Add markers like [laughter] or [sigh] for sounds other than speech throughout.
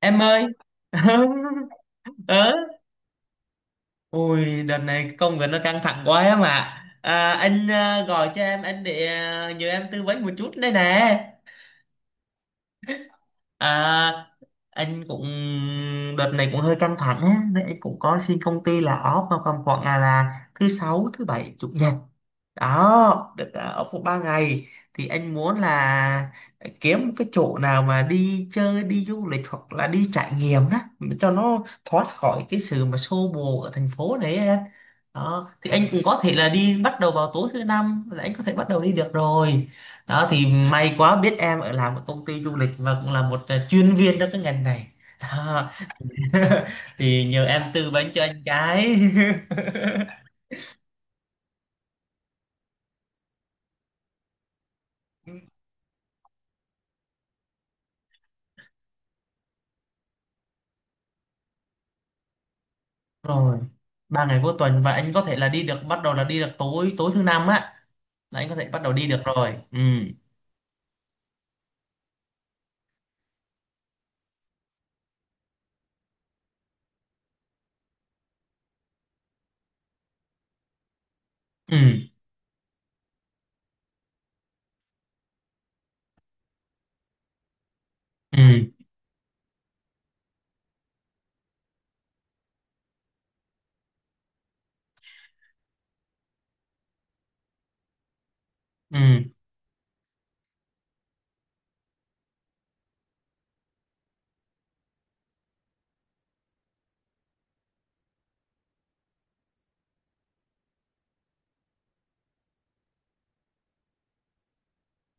Em ơi. [laughs] ờ Ui đợt này công việc nó căng thẳng quá em ạ. Anh gọi cho em anh để nhờ em tư vấn một chút đây nè. à, anh cũng đợt này cũng hơi căng thẳng á, nên anh cũng có xin công ty là off vào tầm khoảng là thứ sáu, thứ bảy, chủ nhật đó, được ở phụ ba ngày. Thì anh muốn là kiếm một cái chỗ nào mà đi chơi, đi du lịch, hoặc là đi trải nghiệm đó, cho nó thoát khỏi cái sự mà xô bồ ở thành phố này ấy em. Đó thì anh cũng có thể là đi bắt đầu vào tối thứ năm, là anh có thể bắt đầu đi được rồi. Đó thì may quá biết em ở làm một công ty du lịch và cũng là một chuyên viên trong cái ngành này đó. [laughs] Thì nhờ em tư vấn cho anh cái. [laughs] Rồi, ba ngày cuối tuần, và anh có thể là đi được, bắt đầu là đi được tối tối thứ năm á, là anh có thể bắt đầu đi được rồi. Ừ, ừ, ừ, ừ,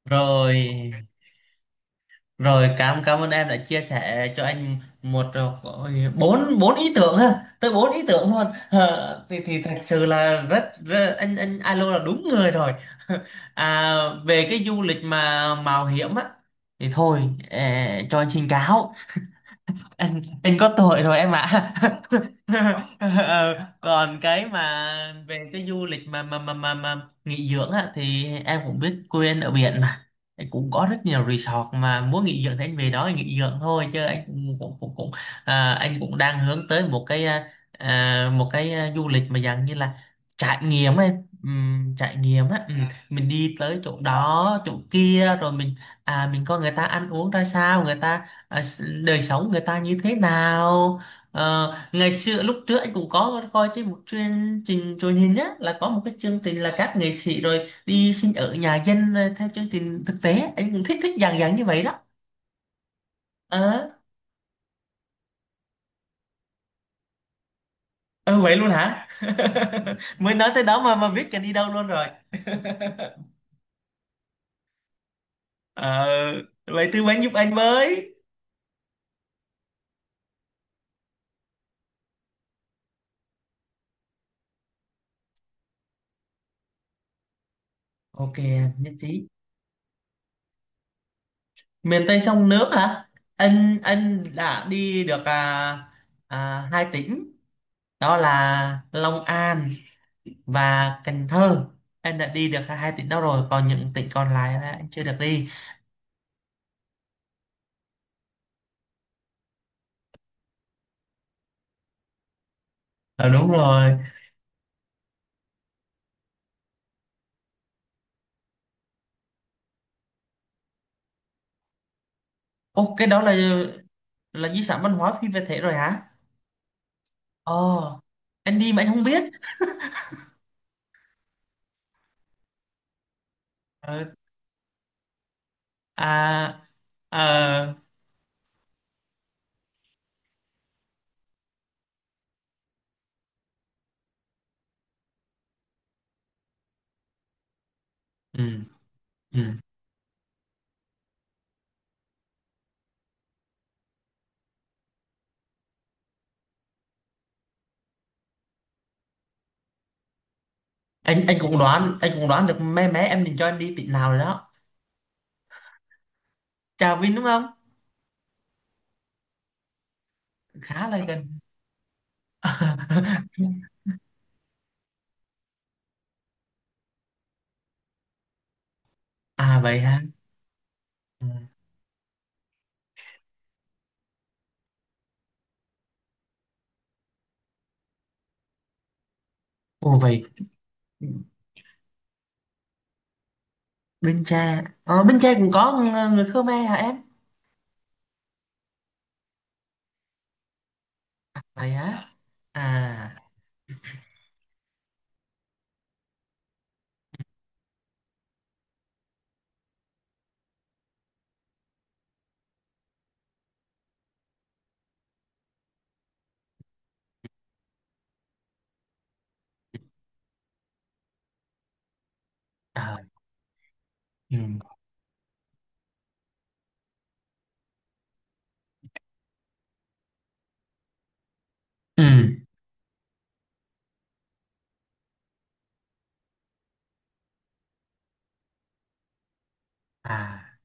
rồi rồi, cảm cảm ơn em đã chia sẻ cho anh một, ôi, bốn bốn ý tưởng ha, tới bốn ý tưởng luôn. Ờ, thì thật sự là rất, rất, anh alo là đúng người rồi. [laughs] à, Về cái du lịch mà mạo hiểm á thì thôi, ờ, cho anh xin cáo, anh có tội rồi em ạ. [laughs] [laughs] Ờ, còn cái mà về cái du lịch mà nghỉ dưỡng á, thì em cũng biết quê anh ở biển mà. Anh cũng có rất nhiều resort, mà muốn nghỉ dưỡng thì anh về đó anh nghỉ dưỡng thôi, chứ anh cũng cũng cũng, cũng anh cũng đang hướng tới một cái một cái du lịch mà dạng như là trải nghiệm ấy. Trải nghiệm á. Mình đi tới chỗ đó chỗ kia rồi mình, à, mình coi người ta ăn uống ra sao, người ta đời sống người ta như thế nào. Ờ, ngày xưa lúc trước anh cũng có coi trên một chương trình truyền hình á, là có một cái chương trình là các nghệ sĩ rồi đi sinh ở nhà dân rồi theo chương trình thực tế, anh cũng thích thích dạng dạng như vậy đó. Ờ, ờ, vậy luôn hả? [laughs] Mới nói tới đó mà biết cả đi đâu luôn rồi. [laughs] Ờ, vậy tư vấn giúp anh với. Ok, nhất trí. Miền Tây sông nước hả, anh đã đi được, hai tỉnh, đó là Long An và Cần Thơ. Anh đã đi được hai tỉnh đó rồi, còn những tỉnh còn lại là anh chưa được đi. Ờ, đúng rồi. Ô, cái đó là di sản văn hóa phi vật thể rồi hả? Ồ, anh đi mà anh không biết. Ờ, à, ờ, ừ, ừ. Anh cũng đoán, anh cũng đoán được mé mé em định cho anh đi tỉnh nào rồi đó. Trà Vinh đúng không? Khá là gần. [laughs] À, vậy hả. Ừ. Ồ vậy. Bến Tre, ờ, Bến Tre cũng có người Khmer hả em? Vậy hả? À, ờ, ừ, ừ, à.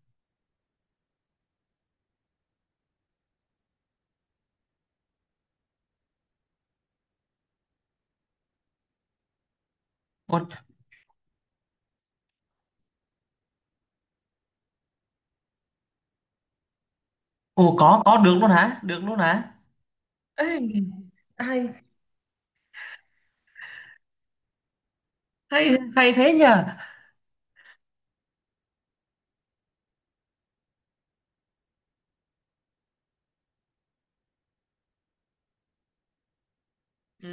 Ô, ô, có được luôn hả? Được luôn hả? Ê, hay, hay, hay thế nhờ. Ừ,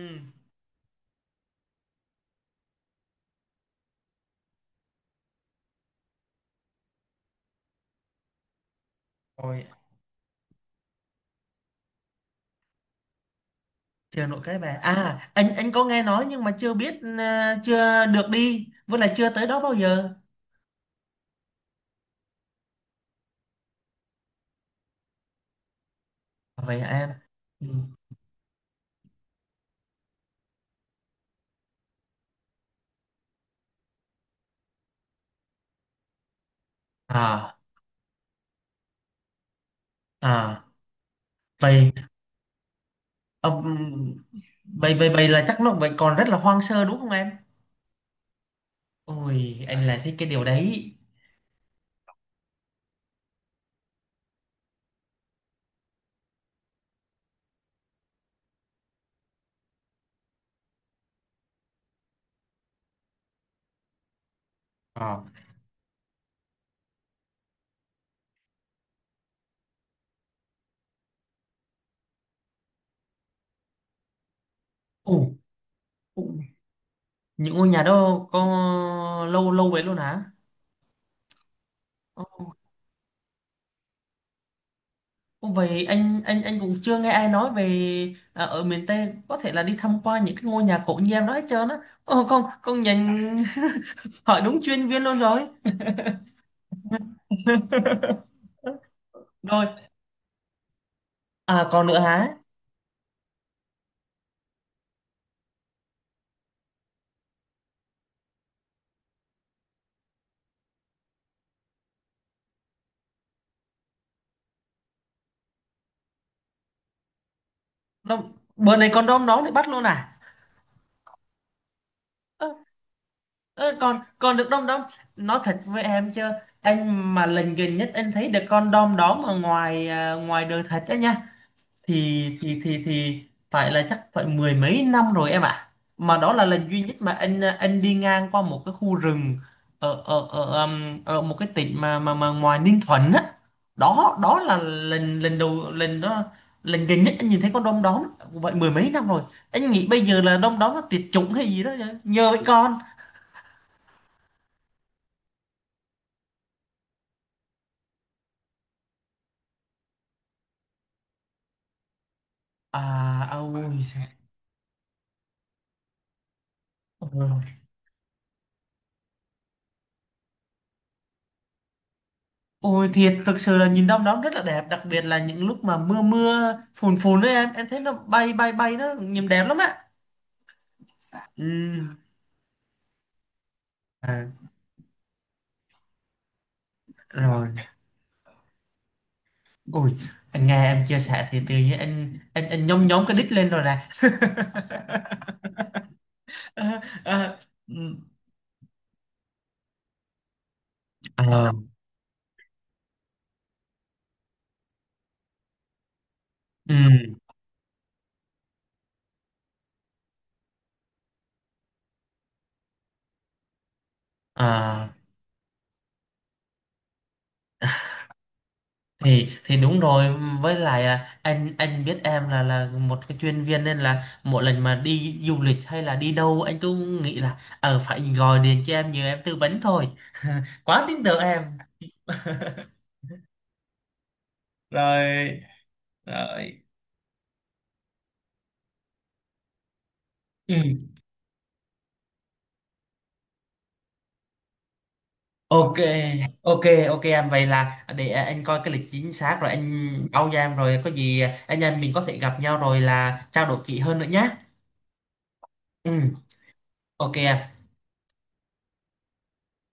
rồi. Chờ nội cái về à, anh có nghe nói, nhưng mà chưa biết, ờ, chưa được đi, với lại chưa tới đó bao giờ. Vậy hả em. Ừ. À, à. Vậy, ông, vậy vậy vậy là chắc nó vậy còn rất là hoang sơ đúng không em? Ôi anh lại thích cái điều đấy. Ờ. Ồ, ồ, những ngôi nhà đó có lâu lâu vậy luôn hả? Ô, vậy anh cũng chưa nghe ai nói về ở miền Tây có thể là đi tham quan những cái ngôi nhà cổ như em đó hết trơn á. Ồ, con nhìn. [laughs] Hỏi đúng chuyên viên luôn rồi. [laughs] Rồi, à, còn nữa hả? Đông, bữa này con đom đóm để bắt luôn à? Ơ, ơ, còn còn được đom đóm. Nói thật với em chứ, anh mà lần gần nhất anh thấy được con đom đóm ở ngoài, à, ngoài đời thật đó nha. Thì phải là chắc phải mười mấy năm rồi em ạ, mà đó là lần duy nhất mà anh đi ngang qua một cái khu rừng ở ở một cái tỉnh mà ngoài Ninh Thuận á. Đó, đó là lần lần đầu, lần đó, lần gần nhất anh nhìn thấy con đom đóm, vậy mười mấy năm rồi. Anh nghĩ bây giờ là đom đóm nó tuyệt chủng hay gì đó nhờ, với con. À, à, ôi giời. Ừ. Ôi thiệt, thực sự là nhìn đom đóm rất là đẹp, đặc biệt là những lúc mà mưa mưa phùn phùn đấy em thấy nó bay bay bay nó nhìn đẹp lắm á. Ừ. À, rồi ôi anh nghe em chia sẻ thì tự nhiên anh nhóm nhóm cái đít lên rồi nè. [laughs] À, à, ừ. Ờ, ừ, à, thì đúng rồi, với lại anh biết em là một cái chuyên viên, nên là mỗi lần mà đi du lịch hay là đi đâu anh cứ nghĩ là ờ phải gọi điện cho em nhờ em tư vấn thôi. [laughs] Quá tin tưởng em. Rồi, rồi, ừ. Ok, ok, ok em, vậy là để anh coi cái lịch chính xác rồi anh báo cho em, rồi có gì anh em mình có thể gặp nhau rồi là trao đổi kỹ hơn nữa nhé. Ừ, ok em.